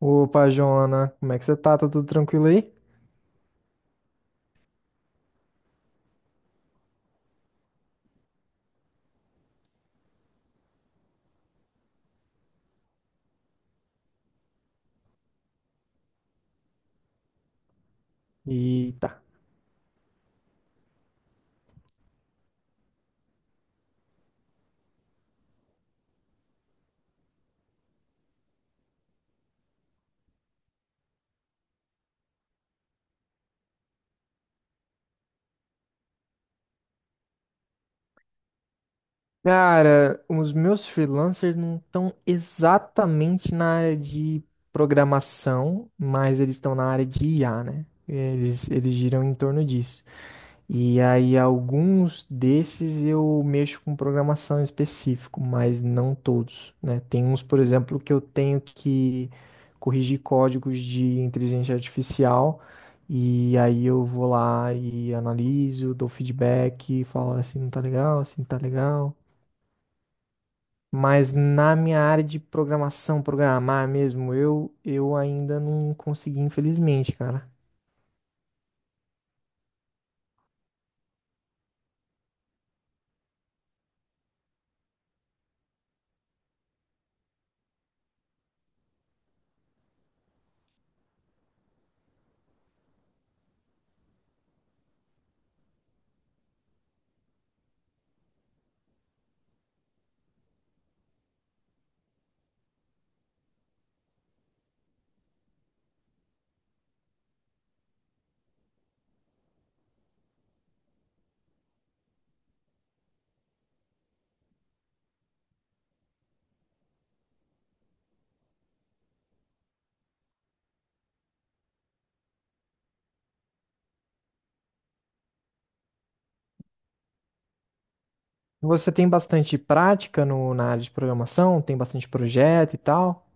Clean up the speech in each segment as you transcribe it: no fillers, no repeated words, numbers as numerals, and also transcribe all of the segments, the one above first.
Opa, Joana, como é que você tá? Tá tudo tranquilo aí? Eita. Cara, os meus freelancers não estão exatamente na área de programação, mas eles estão na área de IA, né? Eles giram em torno disso. E aí, alguns desses eu mexo com programação em específico, mas não todos, né? Tem uns, por exemplo, que eu tenho que corrigir códigos de inteligência artificial, e aí eu vou lá e analiso, dou feedback, falo: "Ah, assim não tá legal, assim não tá legal." Mas na minha área de programação, programar mesmo, eu ainda não consegui, infelizmente, cara. Você tem bastante prática no, na área de programação? Tem bastante projeto e tal?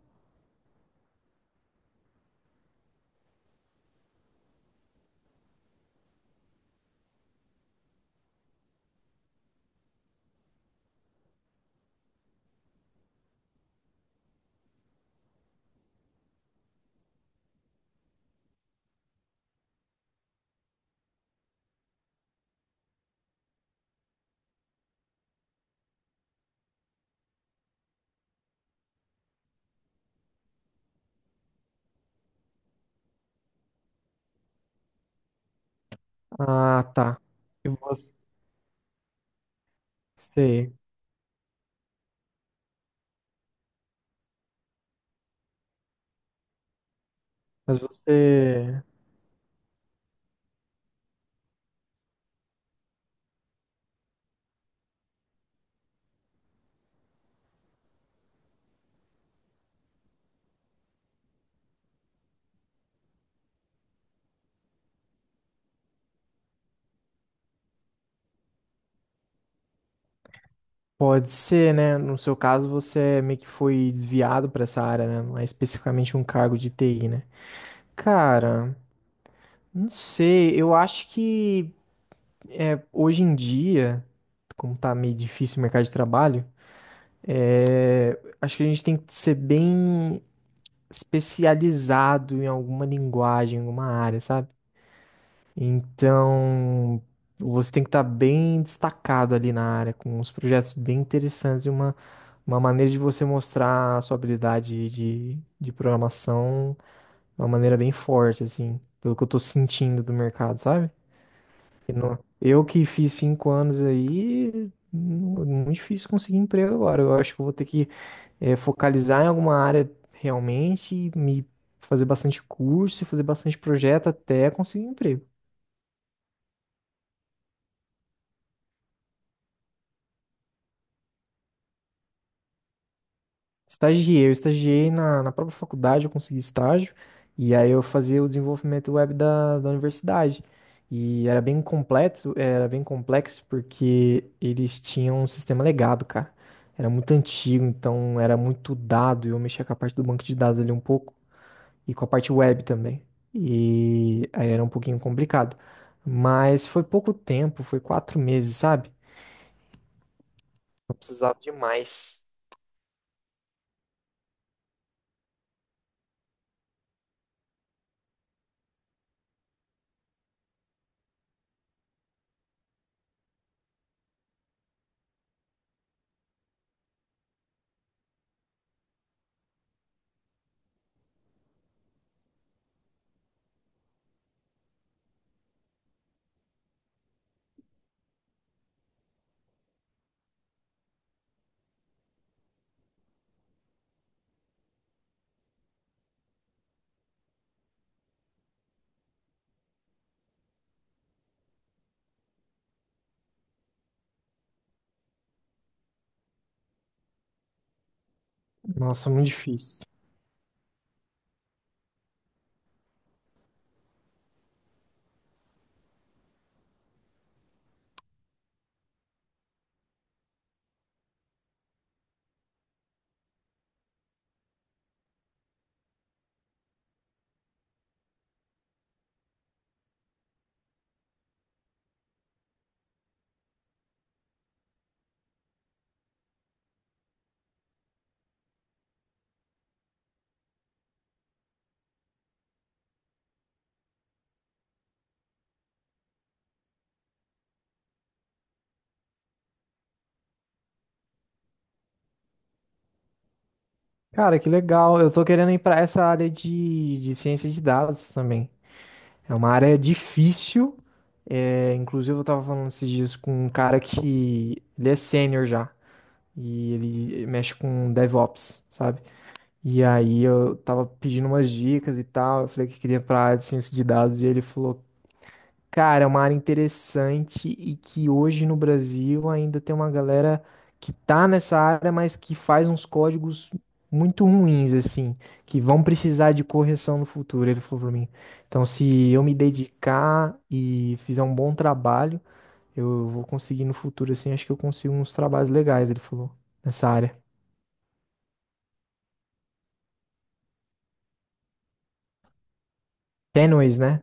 Ah, tá. E você, mas você pode ser, né? No seu caso, você é meio que foi desviado para essa área, né? Mais especificamente um cargo de TI, né? Cara, não sei. Eu acho que hoje em dia, como tá meio difícil o mercado de trabalho, é, acho que a gente tem que ser bem especializado em alguma linguagem, em alguma área, sabe? Então, você tem que estar bem destacado ali na área, com uns projetos bem interessantes e uma maneira de você mostrar a sua habilidade de programação de uma maneira bem forte, assim, pelo que eu tô sentindo do mercado, sabe? Eu que fiz 5 anos aí, muito difícil conseguir emprego agora. Eu acho que eu vou ter que focalizar em alguma área realmente, e me fazer bastante curso e fazer bastante projeto até conseguir um emprego. Estagiei. Eu estagiei na própria faculdade, eu consegui estágio, e aí eu fazia o desenvolvimento web da universidade. E era bem completo, era bem complexo, porque eles tinham um sistema legado, cara. Era muito antigo, então era muito dado, e eu mexia com a parte do banco de dados ali um pouco, e com a parte web também. E aí era um pouquinho complicado. Mas foi pouco tempo, foi 4 meses, sabe? Eu precisava de mais. Nossa, muito difícil. Cara, que legal. Eu tô querendo ir pra essa área de ciência de dados também. É uma área difícil. É, inclusive, eu tava falando esses dias com um cara que ele é sênior já. E ele mexe com DevOps, sabe? E aí eu tava pedindo umas dicas e tal. Eu falei que queria ir pra área de ciência de dados. E ele falou: "Cara, é uma área interessante e que hoje no Brasil ainda tem uma galera que tá nessa área, mas que faz uns códigos muito ruins, assim, que vão precisar de correção no futuro", ele falou pra mim. Então, se eu me dedicar e fizer um bom trabalho, eu vou conseguir no futuro, assim, acho que eu consigo uns trabalhos legais, ele falou, nessa área. Tênues, né?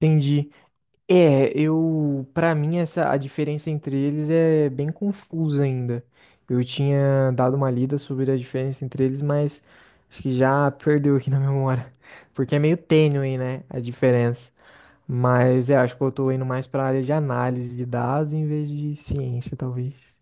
Entendi. É, pra mim essa a diferença entre eles é bem confusa ainda. Eu tinha dado uma lida sobre a diferença entre eles, mas acho que já perdeu aqui na memória, porque é meio tênue, né, a diferença. Mas é, acho que eu tô indo mais pra área de análise de dados em vez de ciência, talvez.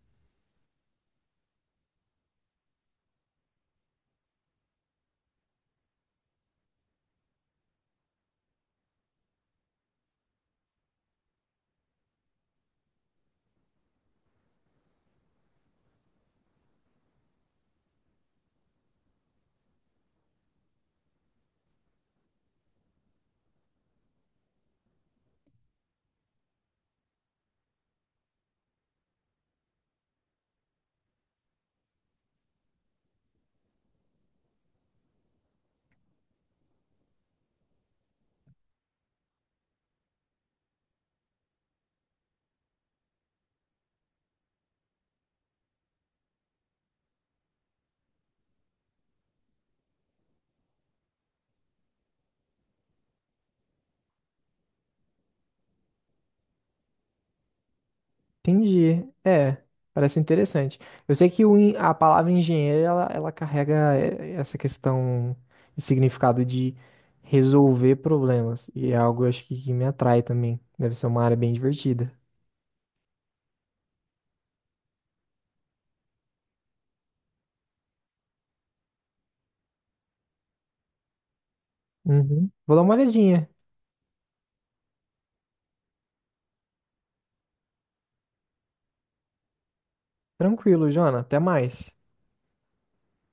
Entendi. É, parece interessante. Eu sei que a palavra engenheiro, ela carrega essa questão e significado de resolver problemas. E é algo, eu acho que me atrai também. Deve ser uma área bem divertida. Uhum. Vou dar uma olhadinha. Tranquilo, Jona. Até mais.